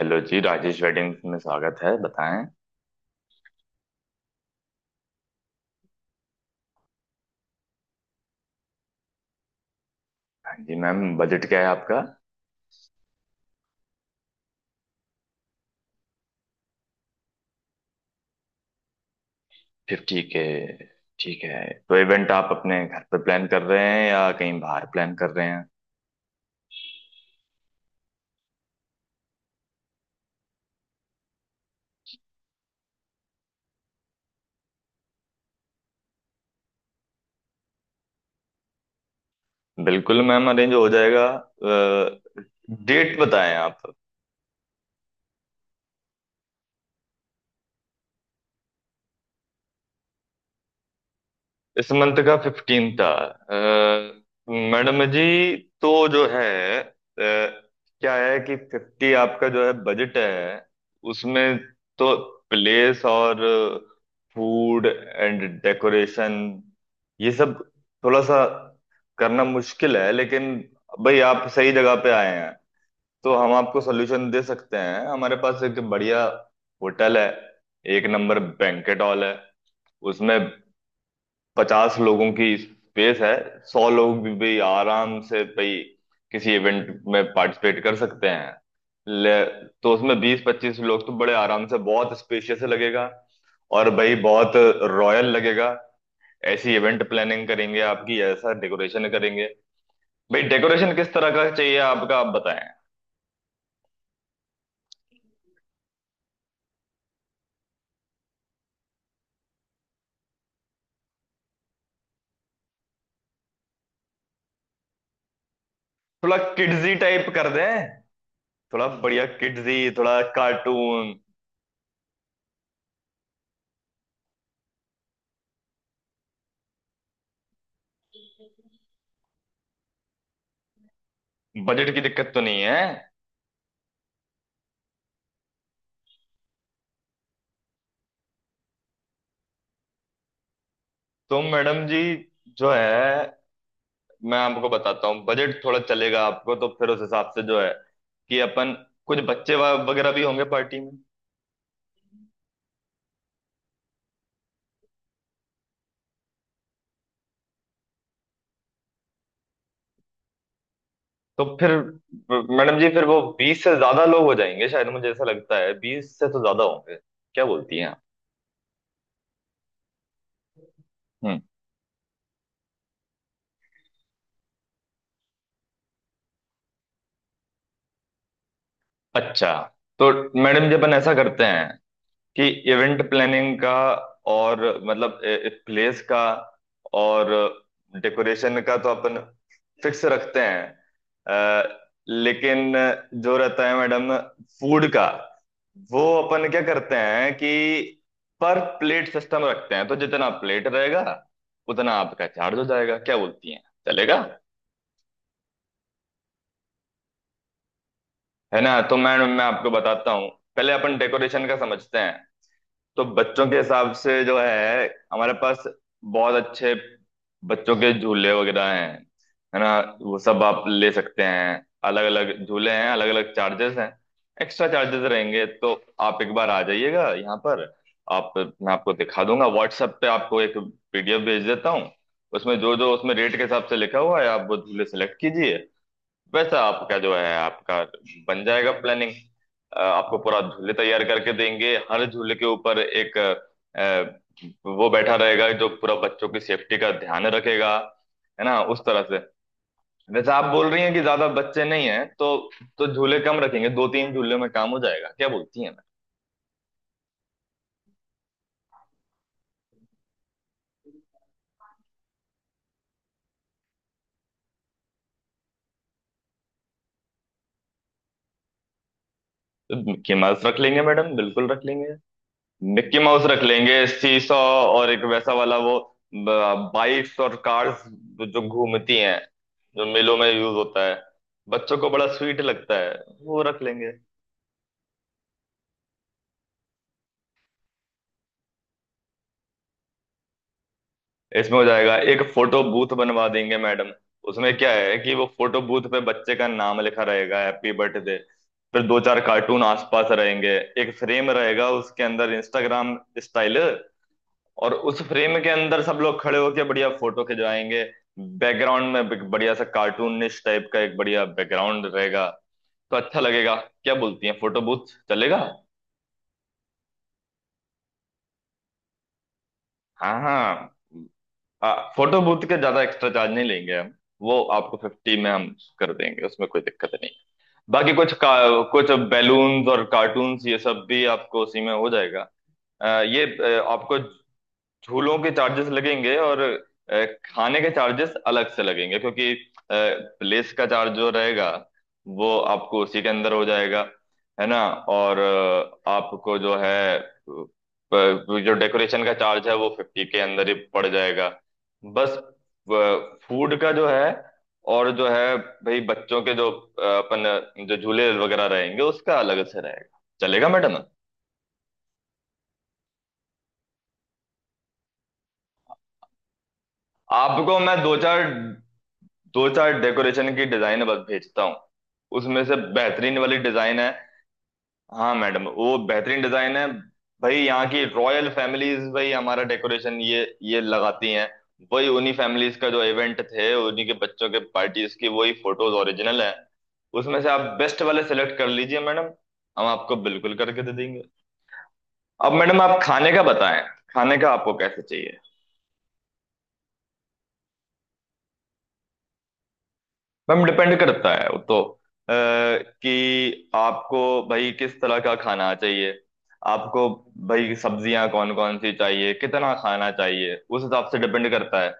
Hello जी, Rajesh wedding में स्वागत है। बताएं। हाँ जी मैम, बजट क्या है आपका? फिफ्टी के। ठीक है। तो इवेंट आप अपने घर पे प्लान कर रहे हैं या कहीं बाहर प्लान कर रहे हैं? बिल्कुल मैम, अरेंज हो जाएगा। डेट बताएं आप। इस मंथ का 15 था मैडम जी। तो क्या है कि 50 आपका जो है बजट है उसमें, तो प्लेस और फूड एंड डेकोरेशन ये सब थोड़ा सा करना मुश्किल है, लेकिन भाई आप सही जगह पे आए हैं। तो हम आपको सोल्यूशन दे सकते हैं। हमारे पास एक बढ़िया होटल है, एक नंबर बैंकेट हॉल है। उसमें 50 लोगों की स्पेस है। 100 लोग भी आराम से भाई किसी इवेंट में पार्टिसिपेट कर सकते हैं। ले तो उसमें 20-25 लोग तो बड़े आराम से, बहुत स्पेशियस लगेगा। और भाई बहुत रॉयल लगेगा। ऐसी इवेंट प्लानिंग करेंगे आपकी, ऐसा डेकोरेशन करेंगे। भाई डेकोरेशन किस तरह का चाहिए आपका, आप बताएं। थोड़ा किड्जी टाइप कर दें? थोड़ा बढ़िया किड्जी, थोड़ा कार्टून। बजट की दिक्कत तो नहीं है। तो मैडम जी जो है, मैं आपको बताता हूँ, बजट थोड़ा चलेगा आपको तो फिर उस हिसाब से जो है, कि अपन कुछ बच्चे वगैरह भी होंगे पार्टी में। तो फिर मैडम जी फिर वो 20 से ज्यादा लोग हो जाएंगे, शायद मुझे ऐसा लगता है 20 से तो ज्यादा होंगे। क्या बोलती हैं आप? हम्म। अच्छा। तो मैडम जी अपन ऐसा करते हैं कि इवेंट प्लानिंग का और मतलब प्लेस का और डेकोरेशन का तो अपन फिक्स रखते हैं, अ, लेकिन जो रहता है मैडम फूड का, वो अपन क्या करते हैं कि पर प्लेट सिस्टम रखते हैं। तो जितना प्लेट रहेगा उतना आपका चार्ज हो जाएगा। क्या बोलती हैं, चलेगा? है ना, तो मैं आपको बताता हूँ। पहले अपन डेकोरेशन का समझते हैं। तो बच्चों के हिसाब से जो है, हमारे पास बहुत अच्छे बच्चों के झूले वगैरह हैं, है ना? वो सब आप ले सकते हैं। अलग अलग झूले हैं, अलग अलग चार्जेस हैं। एक्स्ट्रा चार्जेस रहेंगे, तो आप एक बार आ जाइएगा यहाँ पर। आप, मैं आपको दिखा दूंगा। व्हाट्सएप पे आपको एक पीडीएफ भेज देता हूँ। उसमें जो जो उसमें रेट के हिसाब से लिखा हुआ है, आप वो झूले सेलेक्ट कीजिए। वैसे आपका जो है आपका बन जाएगा प्लानिंग। आपको पूरा झूले तैयार करके देंगे। हर झूले के ऊपर एक वो बैठा रहेगा जो पूरा बच्चों की सेफ्टी का ध्यान रखेगा, है ना, उस तरह से। वैसे आप बोल रही हैं कि ज्यादा बच्चे नहीं हैं, तो झूले कम रखेंगे। 2-3 झूले में काम हो जाएगा। क्या बोलती हैं मैम? तो मिकी माउस रख लेंगे मैडम, बिल्कुल रख लेंगे। मिक्की माउस रख लेंगे, सीसॉ। और एक वैसा वाला वो, बाइक्स और कार्स जो घूमती हैं, जो मेलों में यूज होता है। बच्चों को बड़ा स्वीट लगता है। वो रख लेंगे। इसमें हो जाएगा। एक फोटो बूथ बनवा देंगे मैडम। उसमें क्या है कि वो फोटो बूथ पे बच्चे का नाम लिखा रहेगा, हैप्पी बर्थडे। फिर 2-4 कार्टून आसपास रहेंगे। एक फ्रेम रहेगा उसके अंदर, इंस्टाग्राम स्टाइल। और उस फ्रेम के अंदर सब लोग खड़े होके बढ़िया फोटो खिंचवाएंगे। बैकग्राउंड में बढ़िया सा कार्टूनिश टाइप का एक बढ़िया बैकग्राउंड रहेगा, तो अच्छा लगेगा। क्या बोलती हैं, फोटो बूथ चलेगा? हाँ हाँ। फोटो बूथ के ज्यादा एक्स्ट्रा चार्ज नहीं लेंगे हम। वो आपको 50 में हम कर देंगे, उसमें कोई दिक्कत नहीं। बाकी कुछ बैलून्स और कार्टून्स ये सब भी आपको उसी में हो जाएगा। आ, ये आपको झूलों के चार्जेस लगेंगे और खाने के चार्जेस अलग से लगेंगे, क्योंकि प्लेस का चार्ज जो रहेगा वो आपको उसी के अंदर हो जाएगा, है ना? और आपको जो डेकोरेशन का चार्ज है वो 50 के अंदर ही पड़ जाएगा। बस फूड का जो है और जो है भाई, बच्चों के जो अपन जो झूले वगैरह रहेंगे उसका अलग से रहेगा। चलेगा मैडम? आपको मैं 2-4 डेकोरेशन की डिजाइन बस भेजता हूँ। उसमें से बेहतरीन वाली डिजाइन है। हाँ मैडम, वो बेहतरीन डिजाइन है। भाई यहाँ की रॉयल फैमिलीज भाई हमारा डेकोरेशन ये लगाती हैं। वही उन्हीं फैमिलीज का जो इवेंट थे उन्हीं के बच्चों के पार्टीज की वही फोटोज ओरिजिनल है। उसमें से आप बेस्ट वाले सेलेक्ट कर लीजिए मैडम। हम आपको बिल्कुल करके दे देंगे। अब मैडम आप खाने का बताएं। खाने का आपको कैसे चाहिए? मैम डिपेंड करता है वो तो, कि आपको भाई किस तरह का खाना चाहिए, आपको भाई सब्जियां कौन कौन सी चाहिए, कितना खाना चाहिए, उस हिसाब से डिपेंड करता है।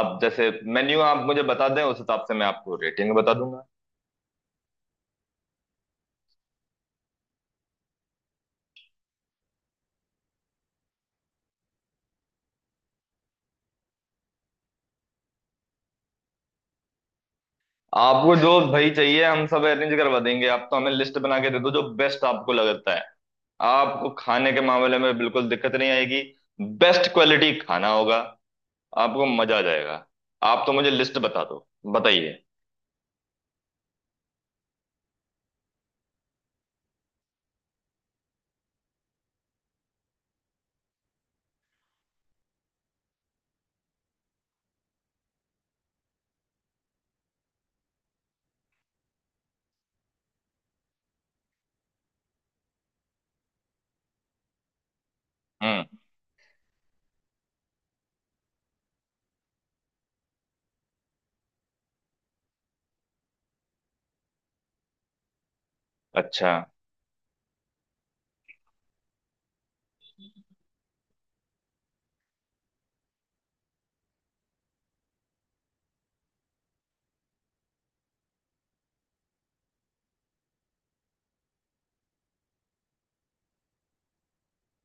आप जैसे मेन्यू आप मुझे बता दें, उस हिसाब से मैं आपको रेटिंग बता दूंगा। आपको जो भाई चाहिए हम सब अरेंज करवा देंगे। आप तो हमें लिस्ट बना के दे दो, जो बेस्ट आपको लगता है। आपको खाने के मामले में बिल्कुल दिक्कत नहीं आएगी, बेस्ट क्वालिटी खाना होगा, आपको मजा आ जाएगा। आप तो मुझे लिस्ट बता दो। बताइए। हम्म। अच्छा।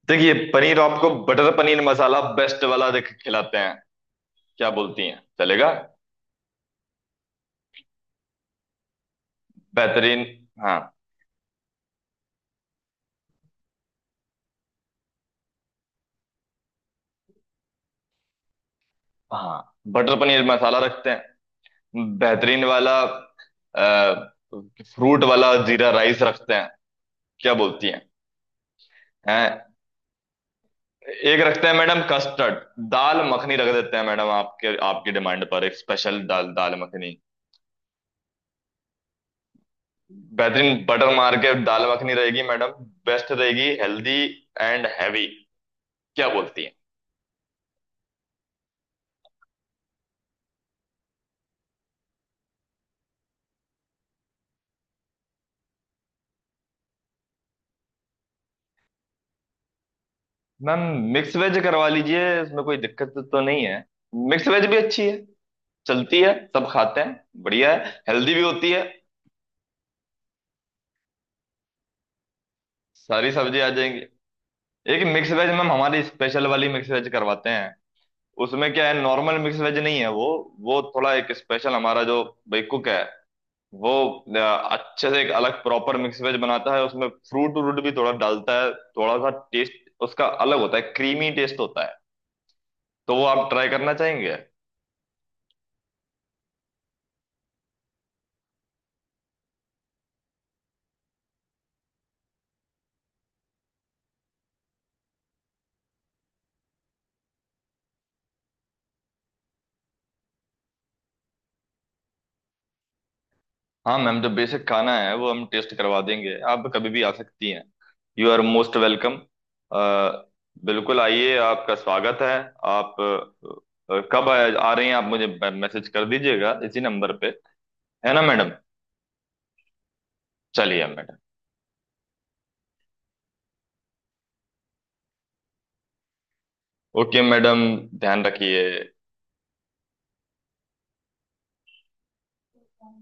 देखिए, पनीर आपको बटर पनीर मसाला बेस्ट वाला देख खिलाते हैं। क्या बोलती हैं, चलेगा? बेहतरीन। हाँ हाँ, बटर पनीर मसाला रखते हैं बेहतरीन वाला। फ्रूट वाला जीरा राइस रखते हैं। क्या बोलती हैं? हैं। एक रखते हैं मैडम कस्टर्ड। दाल मखनी रख देते हैं मैडम, आपके आपकी डिमांड पर एक स्पेशल दाल, दाल मखनी। बेहतरीन बटर मार के दाल मखनी रहेगी मैडम। बेस्ट रहेगी, हेल्दी एंड हैवी। क्या बोलती हैं? मैम मिक्स वेज करवा लीजिए, इसमें कोई दिक्कत तो नहीं है। मिक्स वेज भी अच्छी है, चलती है, सब खाते हैं, बढ़िया है, हेल्दी भी होती है। सारी सब्जी आ जाएंगी। एक मिक्स वेज मैम हमारी स्पेशल वाली मिक्स वेज करवाते हैं। उसमें क्या है, नॉर्मल मिक्स वेज नहीं है वो। वो थोड़ा एक स्पेशल, हमारा जो भाई कुक है वो अ, अच्छे से एक अलग प्रॉपर मिक्स वेज बनाता है। उसमें फ्रूट व्रूट भी थोड़ा डालता है। थोड़ा सा टेस्ट उसका अलग होता है, क्रीमी टेस्ट होता है। तो वो आप ट्राई करना चाहेंगे? हाँ मैम, जो बेसिक खाना है वो हम टेस्ट करवा देंगे। आप कभी भी आ सकती हैं, यू आर मोस्ट वेलकम। बिल्कुल आइए, आपका स्वागत है। आप कब आ रही हैं आप, मुझे मैसेज कर दीजिएगा इसी नंबर पे, है ना मैडम? चलिए मैडम। ओके मैडम, ध्यान रखिए।